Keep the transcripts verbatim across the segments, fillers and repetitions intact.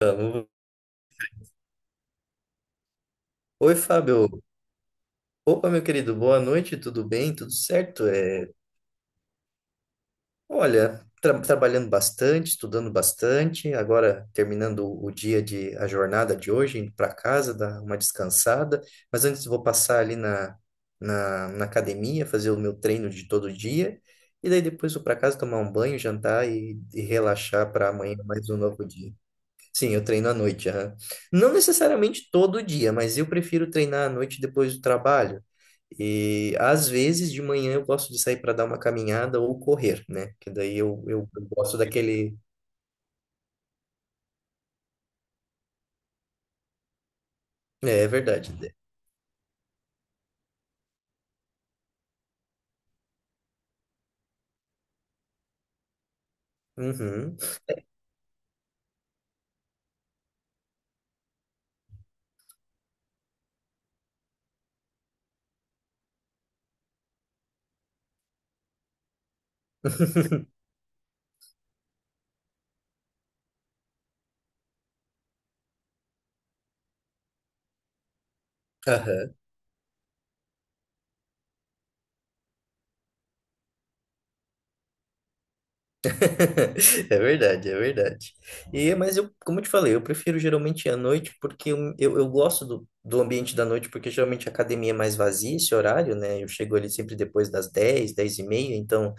Vamos. Oi, Fábio. Opa, meu querido, boa noite, tudo bem? Tudo certo? É, olha, tra- trabalhando bastante, estudando bastante, agora terminando o dia de a jornada de hoje, indo para casa, dar uma descansada, mas antes vou passar ali na, na, na academia, fazer o meu treino de todo dia, e daí depois vou para casa tomar um banho, jantar e, e relaxar para amanhã mais um novo dia. Sim, eu treino à noite. Aham. Não necessariamente todo dia, mas eu prefiro treinar à noite depois do trabalho. E às vezes de manhã eu gosto de sair para dar uma caminhada ou correr, né? Que daí eu, eu, eu gosto daquele. É, é verdade. Uhum. Aham. É verdade, é verdade. E, mas eu, como eu te falei, eu prefiro geralmente à noite porque eu, eu, eu gosto do, do ambiente da noite, porque geralmente a academia é mais vazia esse horário, né? Eu chego ali sempre depois das dez, dez e meia, então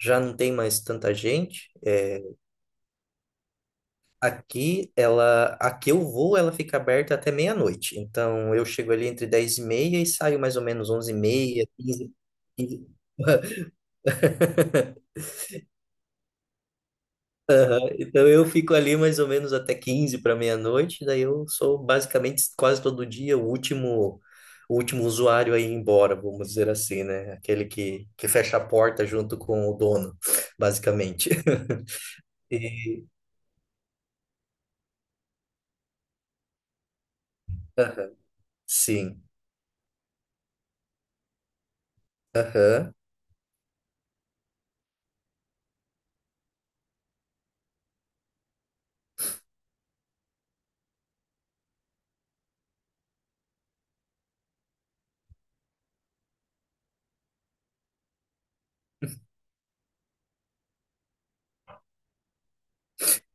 já não tem mais tanta gente. É, aqui, ela, a que eu vou, ela fica aberta até meia-noite. Então eu chego ali entre dez e meia e saio mais ou menos onze e meia, quinze, quinze. Aham. Então eu fico ali mais ou menos até quinze para meia-noite, daí eu sou basicamente quase todo dia o último, o último usuário a ir embora, vamos dizer assim, né? Aquele que, que fecha a porta junto com o dono, basicamente. E, aham, sim. Aham.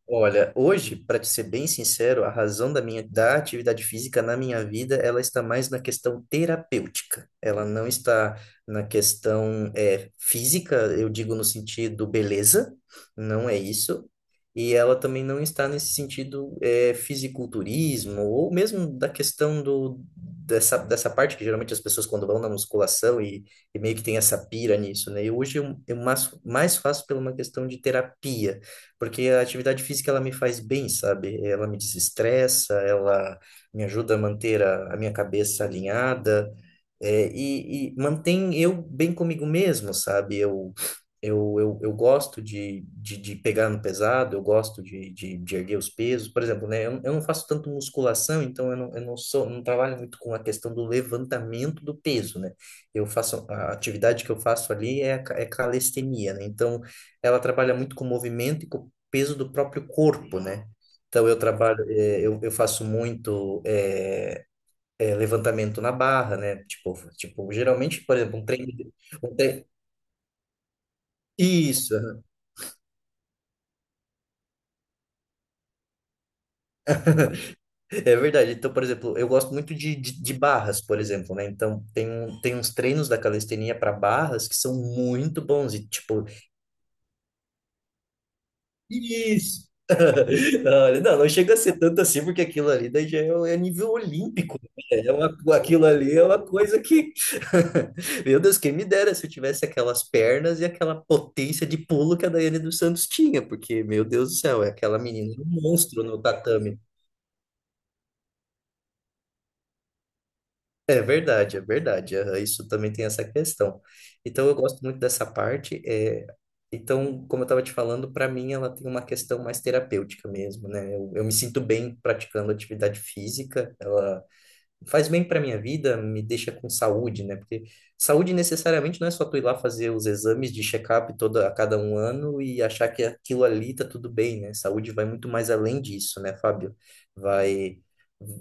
Olha, hoje, para te ser bem sincero, a razão da minha da atividade física na minha vida, ela está mais na questão terapêutica. Ela não está na questão é, física, eu digo no sentido beleza, não é isso. E ela também não está nesse sentido é, fisiculturismo ou mesmo da questão do dessa dessa parte que geralmente as pessoas quando vão na musculação e, e meio que tem essa pira nisso, né? E hoje eu, eu mais, mais faço pela uma questão de terapia, porque a atividade física ela me faz bem, sabe? Ela me desestressa, ela me ajuda a manter a, a minha cabeça alinhada. É, e, e mantém eu bem comigo mesmo, sabe? Eu, eu, eu, eu gosto de, de, de pegar no pesado, eu gosto de, de, de erguer os pesos. Por exemplo, né? Eu, eu não faço tanto musculação, então eu não, eu não sou, não trabalho muito com a questão do levantamento do peso, né? Eu faço, a atividade que eu faço ali é, a ca- é calistenia, né? Então, ela trabalha muito com o movimento e com o peso do próprio corpo, né? Então, eu trabalho, eh, eu, eu faço muito. é, é, levantamento na barra, né? Tipo, tipo, geralmente, por exemplo, um treino. de- Um tre... Isso, aham. É verdade. Então, por exemplo, eu gosto muito de, de, de barras, por exemplo, né? Então, tem, um- tem uns treinos da calistenia para barras que são muito bons. E, tipo, isso. Olha, não, não chega a ser tanto assim, porque aquilo ali daí já é, um- é nível olímpico. Né? É uma, aquilo ali é uma coisa que. Meu Deus, quem me dera se eu tivesse aquelas pernas e aquela potência de pulo que a Daiane dos Santos tinha, porque, meu Deus do céu, é aquela menina é um monstro no tatame. É verdade, é verdade. Aham, isso também tem essa questão. Então, eu gosto muito dessa parte. É... Então, como eu estava te falando, para mim ela tem uma questão mais terapêutica mesmo, né? Eu, eu me sinto bem praticando atividade física. Ela faz bem para minha vida, me deixa com saúde, né? Porque saúde necessariamente não é só tu ir lá fazer os exames de check-up toda a cada um ano e achar que aquilo ali tá tudo bem, né? Saúde vai muito mais além disso, né, Fábio? Vai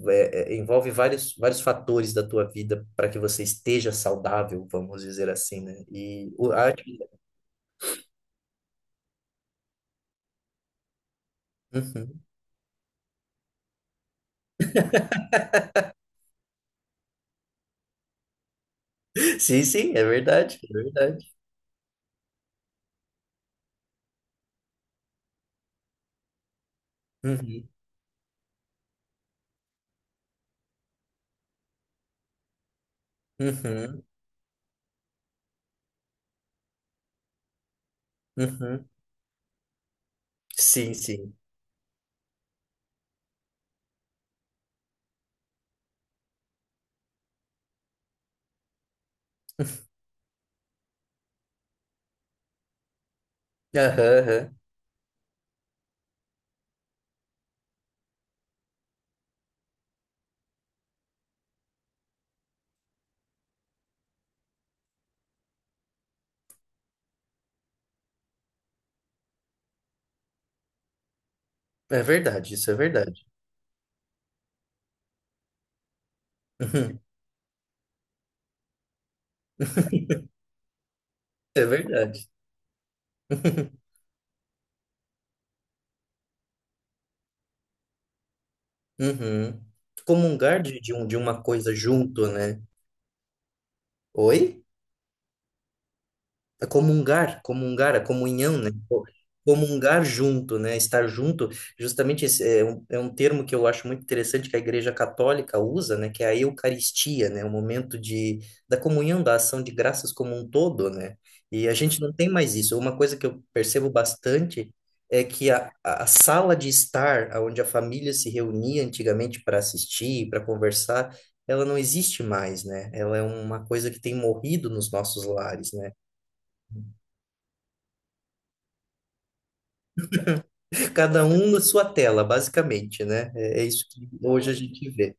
é, é, envolve vários vários fatores da tua vida para que você esteja saudável, vamos dizer assim, né? E o a atividade- Uhum. Sim, sim, é verdade, é verdade. Uhum, uhum, uhum. Sim, sim. Aham, aham. É verdade, isso é verdade. É verdade. Uhum. Comungar de, de, um, de uma coisa junto, né? Oi? a comungar, comungar, a comunhão, né? Co- Comungar junto, né? Estar junto, justamente esse é um, é um termo que eu acho muito interessante que a Igreja Católica usa, né? Que é a Eucaristia, né? O momento de, da comunhão, da ação de graças como um todo, né? E a gente não tem mais isso. Uma coisa que eu percebo bastante é que a, a a sala de estar, onde a família se reunia antigamente para assistir, para conversar, ela não existe mais, né? Ela é uma coisa que tem morrido nos nossos lares, né? Cada um na sua tela, basicamente, né? É é isso que hoje a gente vê.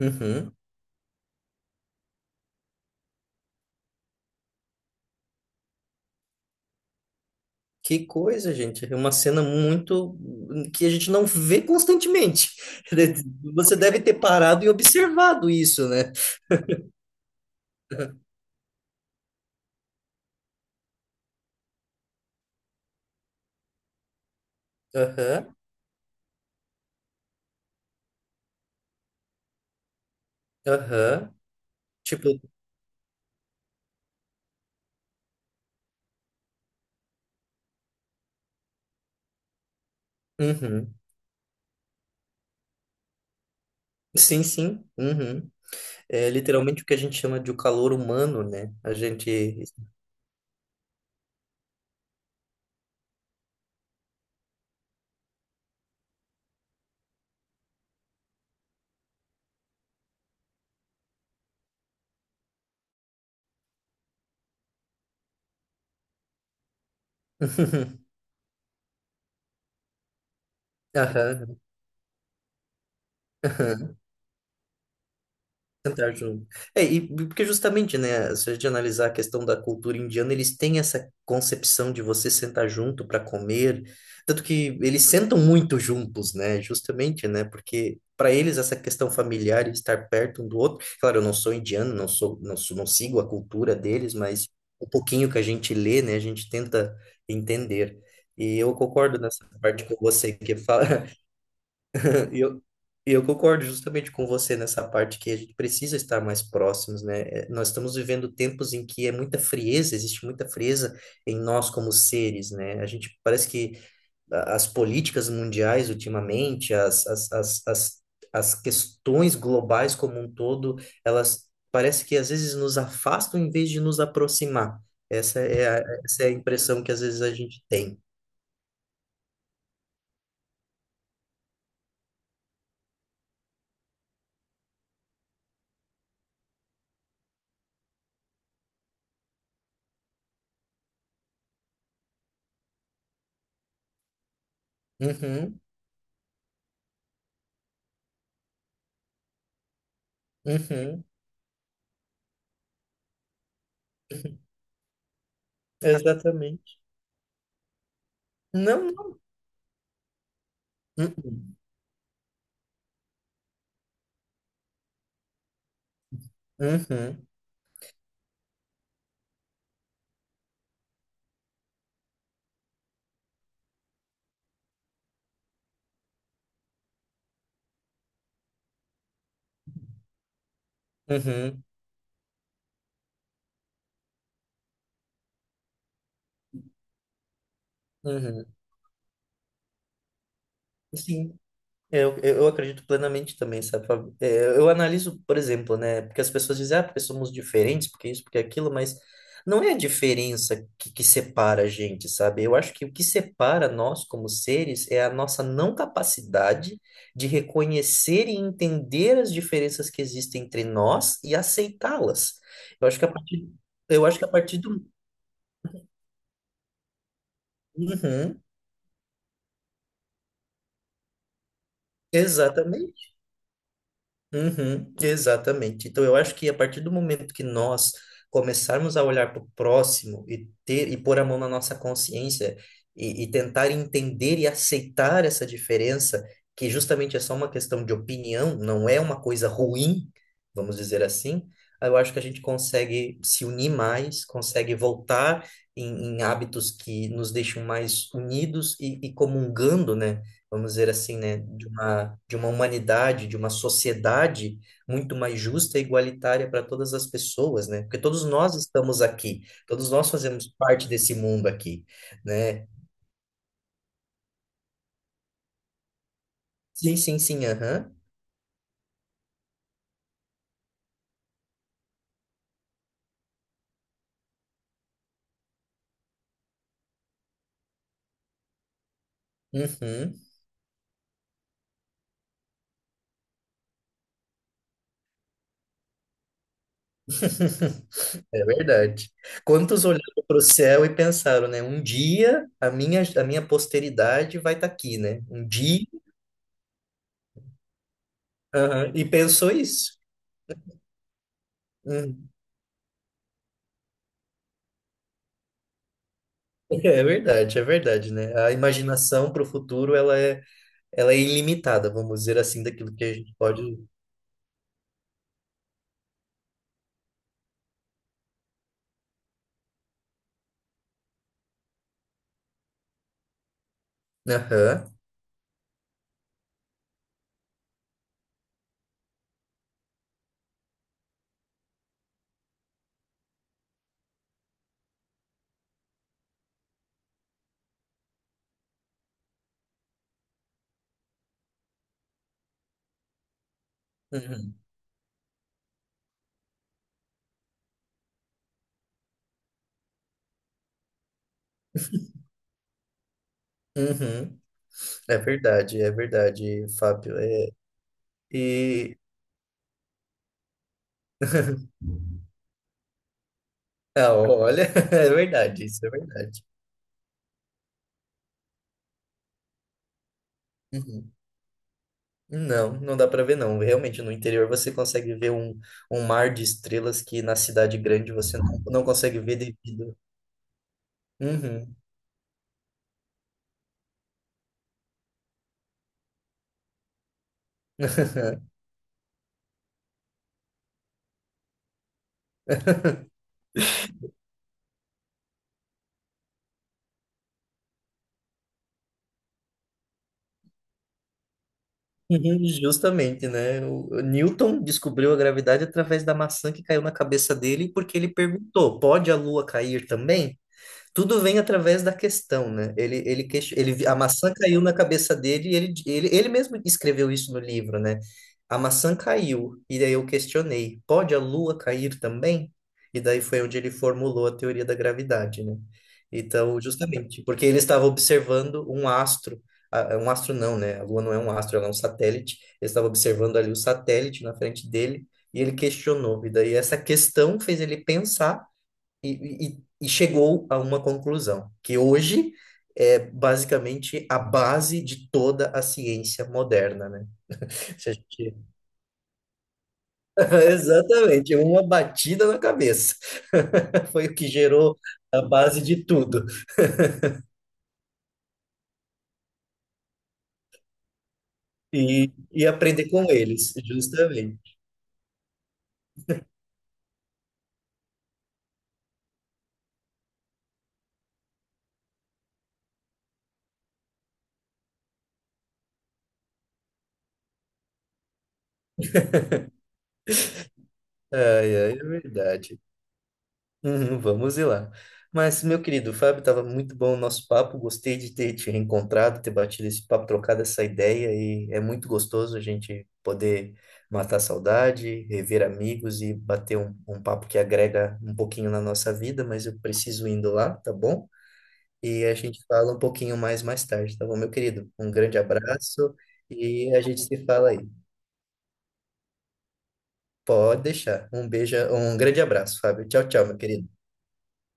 Uhum. Que coisa, gente. É uma cena muito que a gente não vê constantemente. Você deve ter parado e observado isso, né? Aham, aham. Tipo, uhum. Sim, sim. Uhum. É literalmente o que a gente chama de o calor humano, né? A gente. Aham. Central junto. É, e porque justamente, né, se a gente analisar a questão da cultura indiana, eles têm essa concepção de você sentar junto para comer, tanto que eles sentam muito juntos, né, justamente, né, porque para eles essa questão familiar, e estar perto um do outro, claro, eu não sou indiano, não sou, não sou, não sigo a cultura deles, mas o pouquinho que a gente lê, né, a gente tenta entender. E eu concordo nessa parte com você que fala, E eu, e eu concordo justamente com você nessa parte que a gente precisa estar mais próximos, né? É, nós estamos vivendo tempos em que é muita frieza, existe muita frieza em nós como seres, né? A gente parece que a- as políticas mundiais ultimamente, as, as, as, as, as questões globais como um todo, elas parece que às vezes nos afastam em vez de nos aproximar. Essa é a, essa é a impressão que às vezes a gente tem. Uhum, uhum, exatamente. Não, não. Uhum. Uhum, uhum, uhum. Sim, eu, eu eu acredito plenamente também, sabe? Fábio? É, eu analiso, por exemplo, né? Porque as pessoas dizem, ah, porque somos diferentes, porque isso, porque aquilo, mas não é a diferença que, que separa a gente, sabe? Eu acho que o que separa nós como seres é a nossa não capacidade de reconhecer e entender as diferenças que existem entre nós e aceitá-las. Eu acho que a partir, eu acho que a partir do. Uhum, exatamente. Uhum, exatamente. Então, eu acho que a partir do momento que nós começarmos a olhar para o próximo e ter e pôr a mão na nossa consciência e, e tentar entender e aceitar essa diferença, que justamente é só uma questão de opinião, não é uma coisa ruim, vamos dizer assim, aí eu acho que a gente consegue se unir mais, consegue voltar em, em hábitos que nos deixam mais unidos e, e comungando, né? Vamos dizer assim, né, de uma, de uma humanidade, de uma sociedade muito mais justa e igualitária para todas as pessoas, né? Porque todos nós estamos aqui, todos nós fazemos parte desse mundo aqui, né? Sim, sim, sim, aham. Uhum. É verdade. Quantos olharam para o céu e pensaram, né? Um dia a minha, a minha posteridade vai estar aqui, né? Um dia, aham, e pensou isso. Hum. É verdade, é verdade, né? A imaginação para o futuro, ela é ela é ilimitada, vamos dizer assim, daquilo que a gente pode. Aham. Uhum. Uhum. É verdade, é verdade, Fábio. É... E. Ah, olha, é verdade, isso é verdade. Uhum. Não, não dá para ver, não. Realmente, no interior você consegue ver um, um mar de estrelas que na cidade grande você não, não consegue ver devido. Uhum. Uhum, justamente, né? O o Newton descobriu a gravidade através da maçã que caiu na cabeça dele, porque ele perguntou: pode a Lua cair também? Tudo vem através da questão, né? Ele, ele, ques- ele, a maçã caiu na cabeça dele e ele, ele, ele mesmo escreveu isso no livro, né? A maçã caiu, e daí eu questionei, pode a lua cair também? E daí foi onde ele formulou a teoria da gravidade, né? Então, justamente, porque ele estava observando um astro, ah, um astro não, né? A lua não é um astro, ela é um satélite. Ele estava observando ali o satélite na frente dele e ele questionou. E daí essa questão fez ele pensar e, e- e chegou a uma conclusão, que hoje é basicamente a base de toda a ciência moderna, né? Se a gente- Exatamente, uma batida na cabeça. Foi o que gerou a base de tudo. E, e aprender com eles, justamente. Ai, ai, é verdade. Uhum, vamos ir lá. Mas, meu querido Fábio, estava muito bom o nosso papo. Gostei de ter te reencontrado, ter batido esse papo, trocado essa ideia. E é muito gostoso a gente poder matar a saudade, rever amigos e bater um, um papo que agrega um pouquinho na nossa vida. Mas eu preciso indo lá, tá bom? E a gente fala um pouquinho mais mais tarde, tá bom, meu querido? Um grande abraço e a gente se fala aí. Pode deixar. Um beijo, um grande abraço, Fábio. Tchau, tchau, meu querido.